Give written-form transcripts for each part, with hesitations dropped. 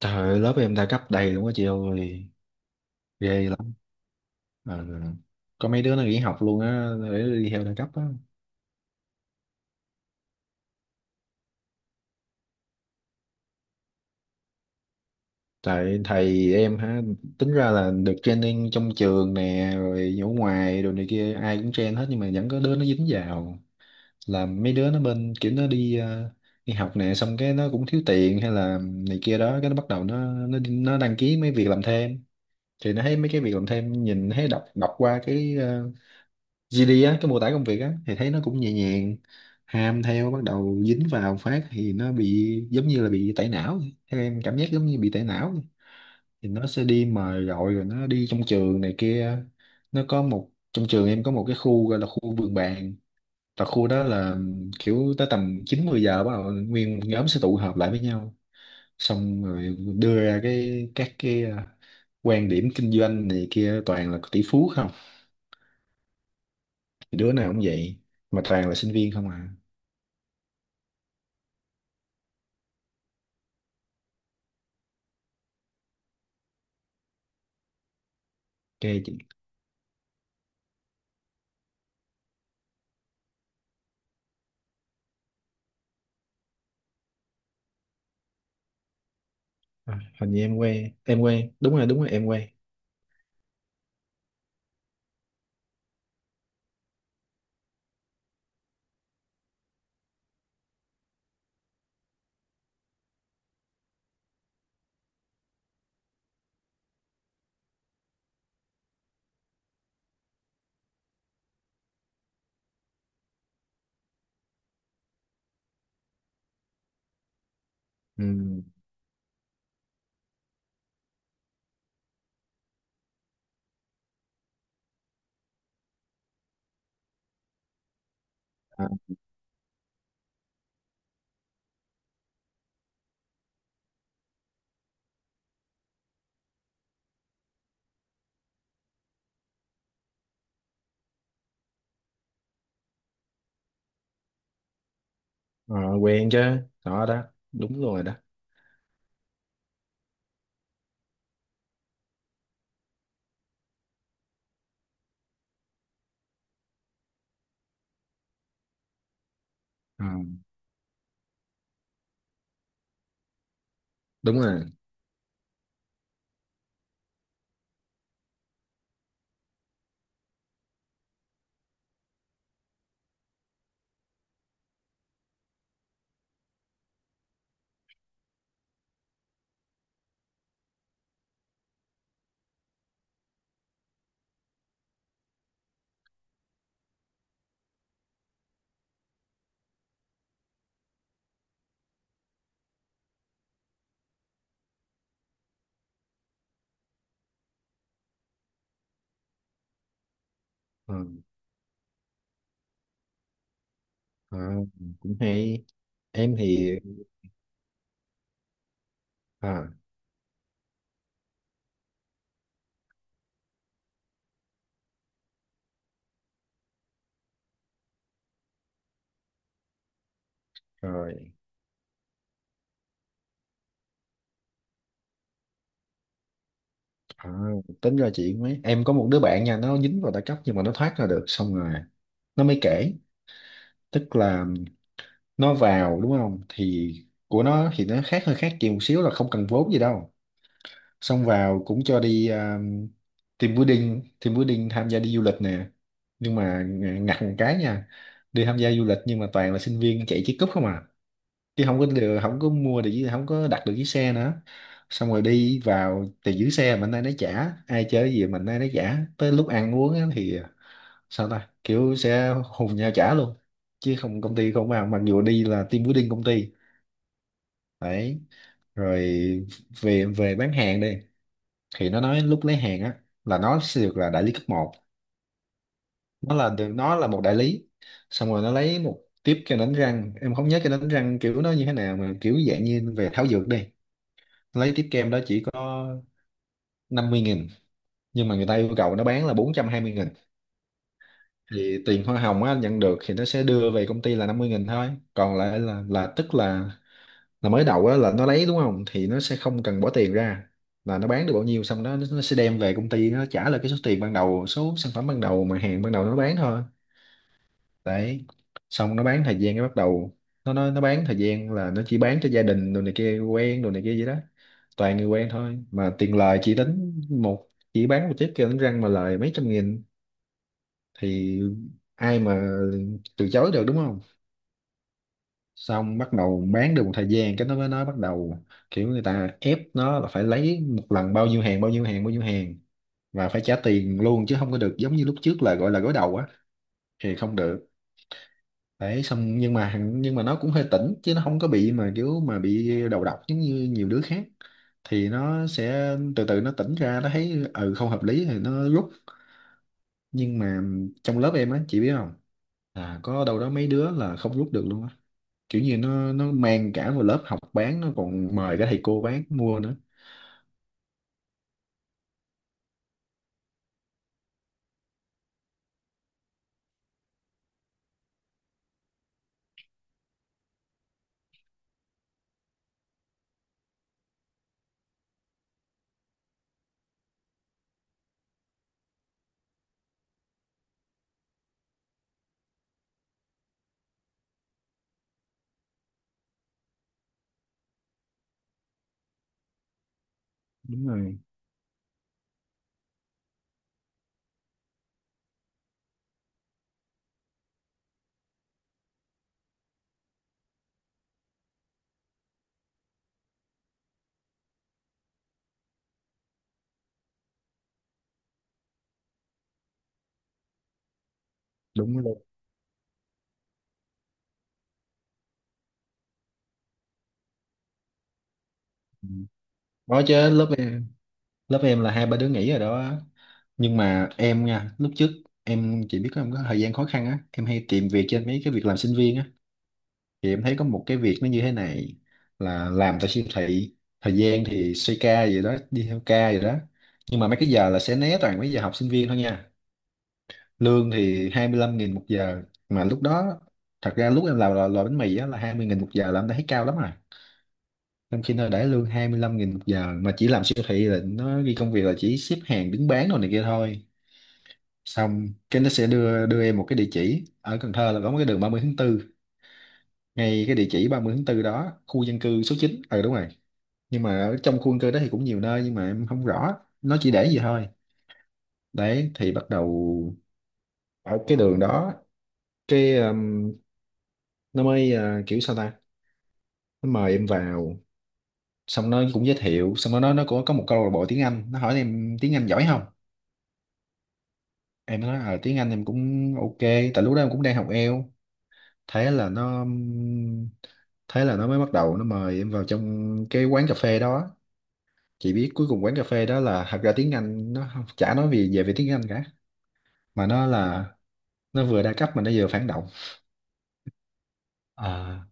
Trời ơi, lớp em đa cấp đầy luôn á chị ơi, ghê lắm. Ờ, Có mấy đứa nó nghỉ học luôn á, để đi theo đa cấp á. Tại thầy em ha, tính ra là được training trong trường nè, rồi ở ngoài, đồ này kia, ai cũng train hết nhưng mà vẫn có đứa nó dính vào. Là mấy đứa nó bên kiểu nó đi đi học nè, xong cái nó cũng thiếu tiền hay là này kia đó, cái nó bắt đầu nó đăng ký mấy việc làm thêm. Thì nó thấy mấy cái việc làm thêm nhìn thấy đọc đọc qua cái GD á, cái mô tả công việc á thì thấy nó cũng nhẹ nhàng, ham theo bắt đầu dính vào phát thì nó bị giống như là bị tẩy não vậy. Theo em cảm giác giống như bị tẩy não vậy. Thì nó sẽ đi mời gọi rồi nó đi trong trường này kia, nó có một, trong trường em có một cái khu gọi là khu vườn bàn, và khu đó là kiểu tới tầm 9 10 giờ bắt đầu nguyên một nhóm sẽ tụ họp lại với nhau, xong rồi đưa ra các cái quan điểm kinh doanh này kia, toàn là tỷ phú không. Thì đứa nào cũng vậy, mà toàn là sinh viên không à. Ok chị. À, hình như em quen em quen, đúng rồi em quen. Ừ. À. À, quen chứ. Đó đó, đúng rồi đó. À, đúng rồi. À. À, cũng hay. Em thì. À, rồi. À, tính ra chị, mấy em có một đứa bạn nha, nó dính vào đa cấp nhưng mà nó thoát ra được xong rồi nó mới kể. Tức là nó vào đúng không, thì của nó thì nó khác, hơi khác chị một xíu, là không cần vốn gì đâu. Xong vào cũng cho đi, à, team building, tham gia đi du lịch nè. Nhưng mà ngặt một cái nha, đi tham gia du lịch nhưng mà toàn là sinh viên chạy chiếc cúp không à, chứ không có được, không có mua được không có đặt được chiếc xe nữa. Xong rồi đi vào thì giữ xe mình nay nó trả, ai chơi cái gì mình nay nó trả, tới lúc ăn uống á thì sao ta, kiểu sẽ hùng nhau trả luôn chứ không, công ty không vào, mặc dù đi là team building công ty. Đấy. Rồi về về bán hàng đi, thì nó nói lúc lấy hàng á là nó sẽ được là đại lý cấp một. Nó là được, nó là một đại lý. Xong rồi nó lấy một tiếp kem đánh răng, em không nhớ cái đánh răng kiểu nó như thế nào, mà kiểu dạng như về thảo dược đi. Lấy tiếp kem đó chỉ có 50.000, nhưng mà người ta yêu cầu nó bán là 420.000. Thì tiền hoa hồng á, nhận được thì nó sẽ đưa về công ty là 50.000 thôi. Còn lại là tức là, mới đầu á, là nó lấy đúng không thì nó sẽ không cần bỏ tiền ra, là nó bán được bao nhiêu xong đó nó sẽ đem về công ty, nó trả lại cái số tiền ban đầu, số sản phẩm ban đầu mà hàng ban đầu nó bán thôi. Đấy. Xong nó bán thời gian cái bắt đầu, nó bán thời gian là nó chỉ bán cho gia đình đồ này kia, quen đồ này kia vậy đó, toàn người quen thôi, mà tiền lời chỉ tính một, chỉ bán một chiếc kia đánh răng mà lời mấy trăm nghìn. Thì ai mà từ chối được, đúng không? Xong bắt đầu bán được một thời gian cái nó mới nói, bắt đầu kiểu người ta ép nó là phải lấy một lần bao nhiêu hàng bao nhiêu hàng bao nhiêu hàng, và phải trả tiền luôn chứ không có được giống như lúc trước là gọi là gối đầu á, thì không được. Đấy. Xong nhưng mà nhưng mà nó cũng hơi tỉnh chứ nó không có bị mà kiểu mà bị đầu độc giống như nhiều đứa khác, thì nó sẽ từ từ nó tỉnh ra, nó thấy ừ không hợp lý thì nó rút. Nhưng mà trong lớp em á, chị biết không, là có đâu đó mấy đứa là không rút được luôn á, kiểu như nó mang cả vào lớp học bán, nó còn mời cả thầy cô bán mua nữa. Đúng rồi. Đúng rồi đó. Chứ lớp em là hai ba đứa nghỉ rồi đó. Nhưng mà em nha, lúc trước em chỉ biết có, em có thời gian khó khăn á em hay tìm việc trên mấy cái việc làm sinh viên á. Thì em thấy có một cái việc nó như thế này, là làm tại siêu thị, thời gian thì xoay ca vậy đó, đi theo ca vậy đó, nhưng mà mấy cái giờ là sẽ né toàn mấy giờ học sinh viên thôi nha. Lương thì 25.000 một giờ. Mà lúc đó, thật ra lúc em làm lò bánh mì á là 20.000 một giờ là em đã thấy cao lắm rồi, trong khi nó để lương 25.000 một giờ mà chỉ làm siêu thị, là nó ghi công việc là chỉ xếp hàng đứng bán đồ này kia thôi. Xong cái nó sẽ đưa đưa em một cái địa chỉ ở Cần Thơ, là có một cái đường 30 tháng 4, ngay cái địa chỉ 30 tháng 4 đó, khu dân cư số 9. Ừ, đúng rồi. Nhưng mà ở trong khu dân cư đó thì cũng nhiều nơi, nhưng mà em không rõ, nó chỉ để gì thôi. Đấy. Thì bắt đầu ở cái đường đó, cái nó mới, kiểu sao ta, nó mời em vào, xong nó cũng giới thiệu, xong nó nói nó có một câu lạc bộ tiếng Anh, nó hỏi em tiếng Anh giỏi không. Em nói tiếng Anh em cũng ok, tại lúc đó em cũng đang học Eo. thế là nó thế là nó mới bắt đầu nó mời em vào trong cái quán cà phê đó. Chị biết cuối cùng quán cà phê đó là, thật ra tiếng Anh nó chả nói gì về về tiếng Anh cả, mà nó là, nó vừa đa cấp mà nó vừa phản động. À,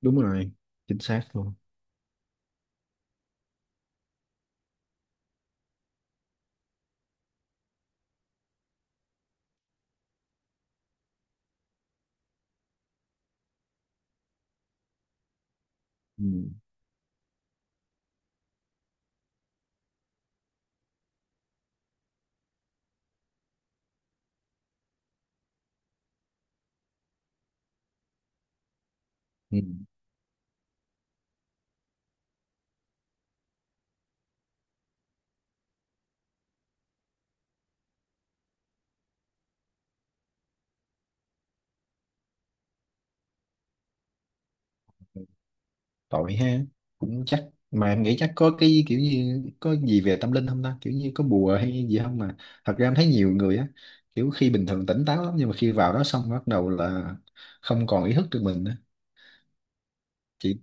đúng rồi, chính xác luôn. Ừ. Ừ. Tội ha. Cũng chắc, mà em nghĩ chắc có cái kiểu như có gì về tâm linh không ta, kiểu như có bùa hay gì không, mà thật ra em thấy nhiều người á, kiểu khi bình thường tỉnh táo lắm nhưng mà khi vào đó xong bắt đầu là không còn ý thức được mình nữa. Chị,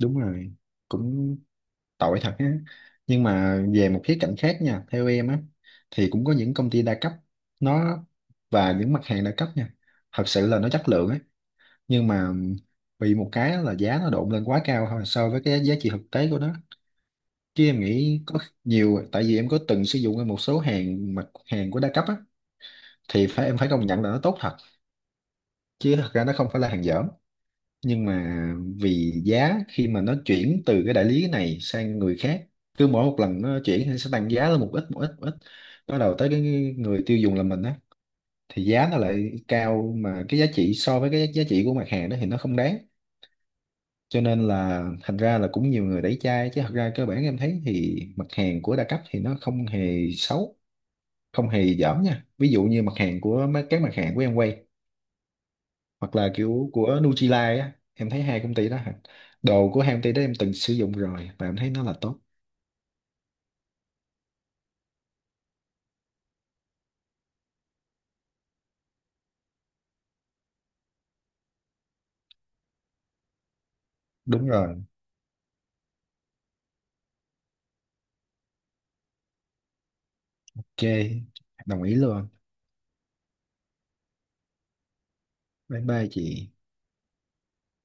đúng rồi, cũng tội thật á. Nhưng mà về một khía cạnh khác nha, theo em á, thì cũng có những công ty đa cấp nó, và những mặt hàng đa cấp nha, thật sự là nó chất lượng ấy. Nhưng mà bị một cái là giá nó độn lên quá cao thôi, so với cái giá trị thực tế của nó. Chứ em nghĩ có nhiều, tại vì em có từng sử dụng một số hàng, mặt hàng của đa cấp á, thì phải, em phải công nhận là nó tốt thật, chứ thật ra nó không phải là hàng dở. Nhưng mà vì giá khi mà nó chuyển từ cái đại lý này sang người khác, cứ mỗi một lần nó chuyển thì sẽ tăng giá lên một ít, một ít, một ít, bắt đầu tới cái người tiêu dùng là mình á, thì giá nó lại cao, mà cái giá trị so với cái giá trị của mặt hàng đó thì nó không đáng. Cho nên là thành ra là cũng nhiều người đẩy chai, chứ thật ra cơ bản em thấy thì mặt hàng của đa cấp thì nó không hề xấu, không hề dởm nha. Ví dụ như mặt hàng của các mặt hàng của em quay, hoặc là kiểu của Nutrilite á, em thấy hai công ty đó hả, đồ của hai công ty đó em từng sử dụng rồi và em thấy nó là tốt. Đúng rồi. Ok, đồng ý luôn. Bye bye chị.